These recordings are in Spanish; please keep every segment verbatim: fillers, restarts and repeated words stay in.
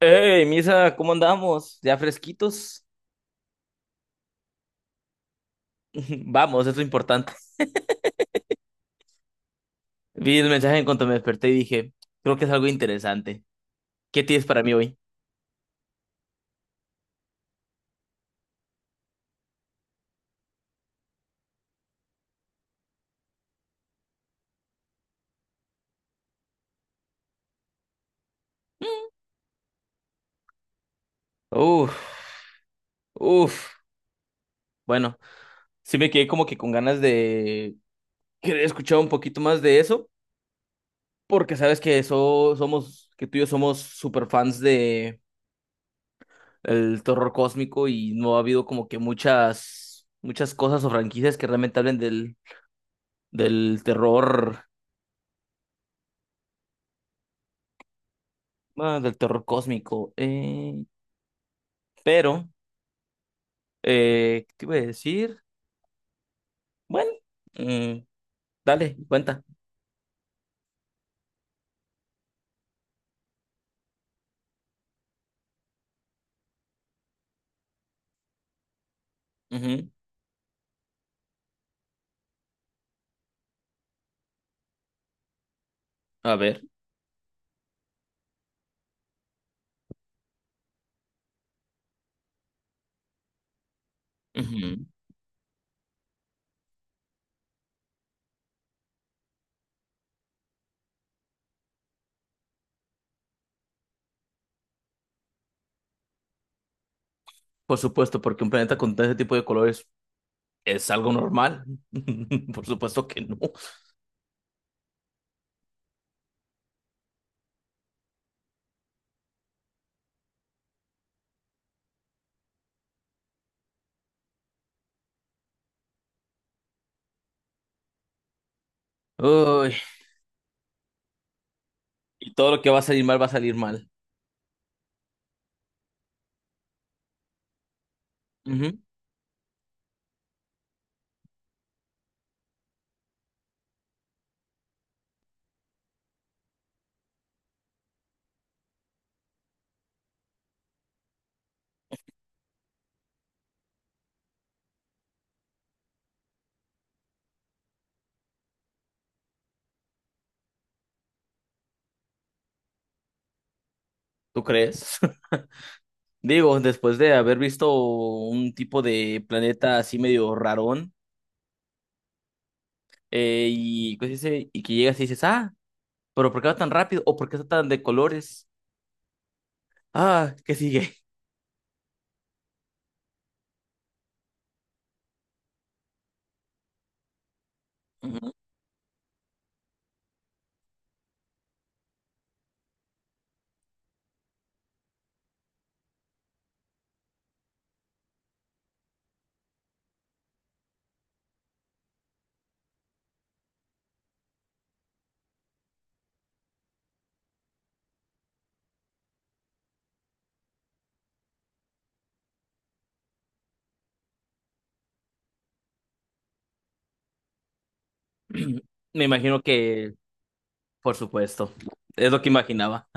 Hey, Misa, ¿cómo andamos? ¿Ya fresquitos? Vamos, eso es importante. Vi el mensaje en cuanto me desperté y dije, creo que es algo interesante. ¿Qué tienes para mí hoy? Uf, uf. Bueno, sí me quedé como que con ganas de querer escuchar un poquito más de eso, porque sabes que eso somos, que tú y yo somos super fans de el terror cósmico y no ha habido como que muchas, muchas cosas o franquicias que realmente hablen del, del terror. Ah, del terror cósmico. Eh, Pero, eh, ¿qué te iba a decir? Bueno, mm, dale, cuenta. Ujú. A ver. Ujú. Por supuesto, porque un planeta con ese tipo de colores es algo normal. Por supuesto que no. Uy, y todo lo que va a salir mal va a salir mal. Ujú. ¿Tú crees? Digo, después de haber visto un tipo de planeta así medio rarón, eh, y, ¿cómo se dice? Y que llegas y dices, ah, pero ¿por qué va tan rápido? ¿O por qué está tan de colores? Ah, ¿qué sigue? Me imagino que, por supuesto, es lo que imaginaba.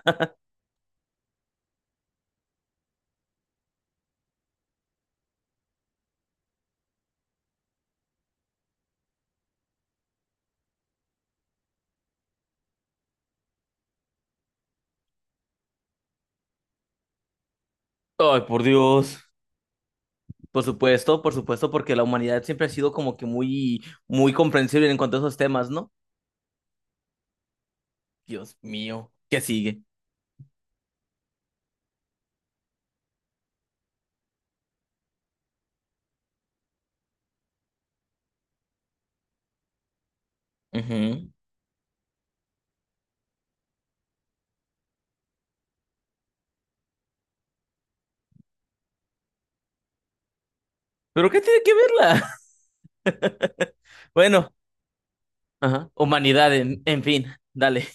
Ay, por Dios. Por supuesto, por supuesto, porque la humanidad siempre ha sido como que muy, muy comprensible en cuanto a esos temas, ¿no? Dios mío, ¿qué sigue? Ujú. ¿Pero qué tiene que verla? Bueno, ajá, Humanidad, en, en fin, dale.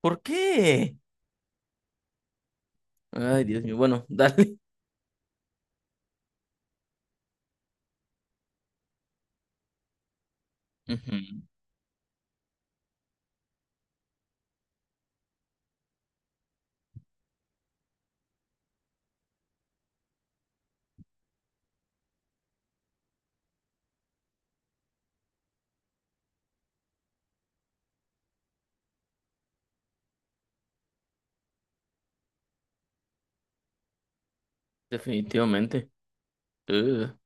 ¿Por qué? Ay, Dios mío, bueno, dale. Ujú. Definitivamente. Ugh.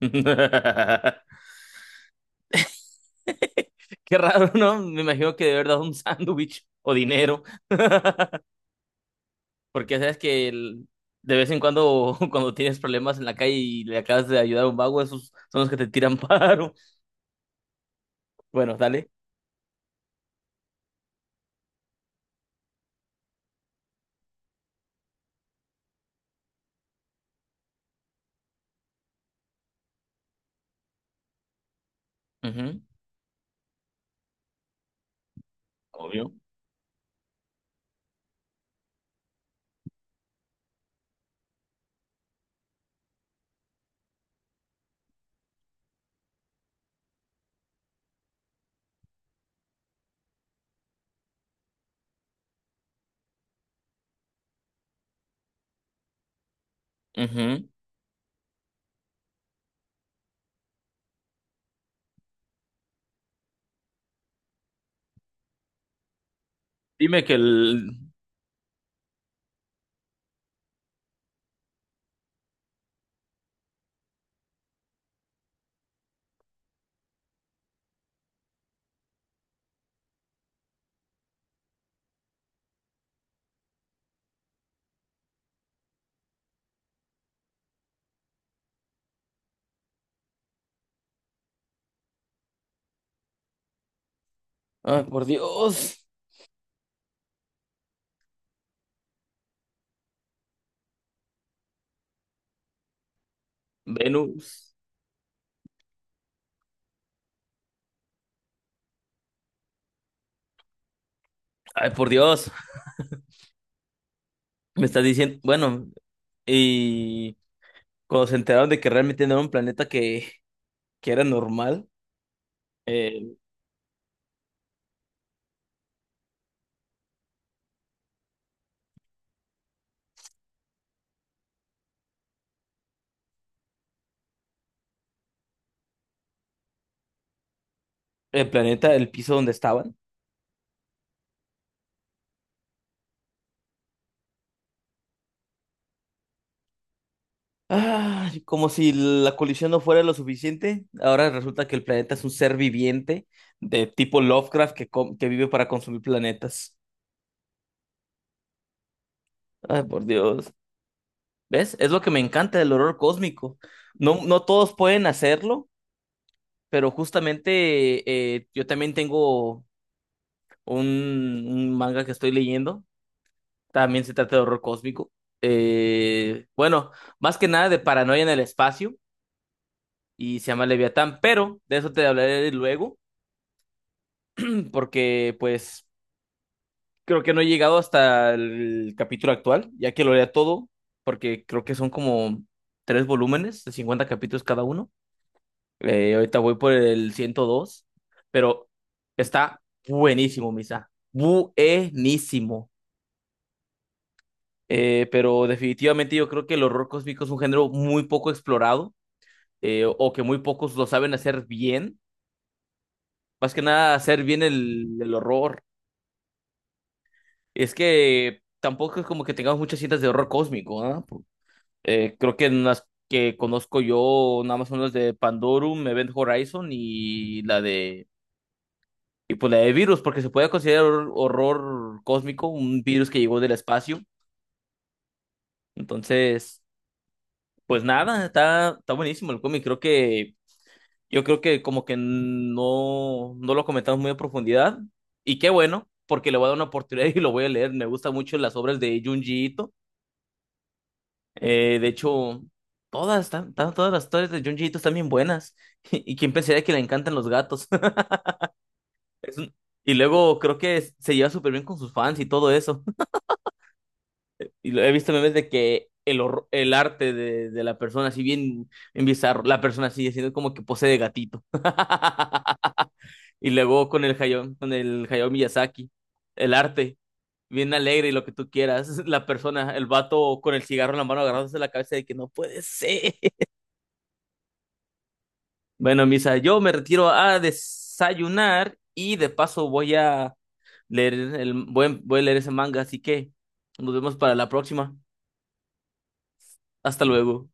Qué raro, ¿no? Me imagino que de verdad un sándwich o dinero. Porque sabes que el- de vez en cuando, cuando tienes problemas en la calle y le acabas de ayudar a un vago, esos son los que te tiran paro. Bueno, dale. Ujú. Obvio. Ujú. Dime que el. Ay, por Dios. Venus. Ay, por Dios. Me estás diciendo. Bueno, y cuando se enteraron de que realmente no era un planeta que, que era normal, eh, el planeta, el piso donde estaban. Ay, como si la colisión no fuera lo suficiente, ahora resulta que el planeta es un ser viviente de tipo Lovecraft que, com- que vive para consumir planetas. Ay, por Dios. ¿Ves? Es lo que me encanta del horror cósmico. No, no todos pueden hacerlo, pero justamente eh, yo también tengo un, un manga que estoy leyendo. También se trata de horror cósmico. Eh, bueno, más que nada de paranoia en el espacio y se llama Leviatán, pero de eso te hablaré luego, porque pues creo que no he llegado hasta el capítulo actual, ya que lo lea todo, porque creo que son como tres volúmenes de cincuenta capítulos cada uno. Eh, ahorita voy por el ciento dos, pero está buenísimo, Misa. Buenísimo. Eh, pero definitivamente yo creo que el horror cósmico es un género muy poco explorado, eh, o que muy pocos lo saben hacer bien. Más que nada hacer bien el, el horror. Es que tampoco es como que tengamos muchas cintas de horror cósmico, ¿ah? Eh, creo que en las que conozco yo, nada más son las de Pandorum, Event Horizon y la de. Y pues la de virus, porque se puede considerar hor- horror cósmico, un virus que llegó del espacio. Entonces, pues nada, está, está buenísimo el cómic. Creo que, yo creo que como que no, no lo comentamos muy a profundidad. Y qué bueno, porque le voy a dar una oportunidad y lo voy a leer. Me gustan mucho las obras de Junji Ito. Eh, de hecho, todas, están- están- todas las historias de Junjiito están bien buenas. Y quién pensaría que le encantan los gatos. Es un- y luego creo que se lleva súper bien con sus fans y todo eso. Y lo he visto memes de que el, hor- el arte de, de la persona, así bien, bien bizarro, la persona así haciendo como que pose de gatito. Y luego con el Hayao, con el Hayao Miyazaki, el arte, bien alegre y lo que tú quieras. La persona, el vato con el cigarro en la mano agarrándose la cabeza de que no puede ser. Bueno, Misa, yo me retiro a desayunar y de paso voy a leer el, voy, voy a leer ese manga, así que nos vemos para la próxima. Hasta luego.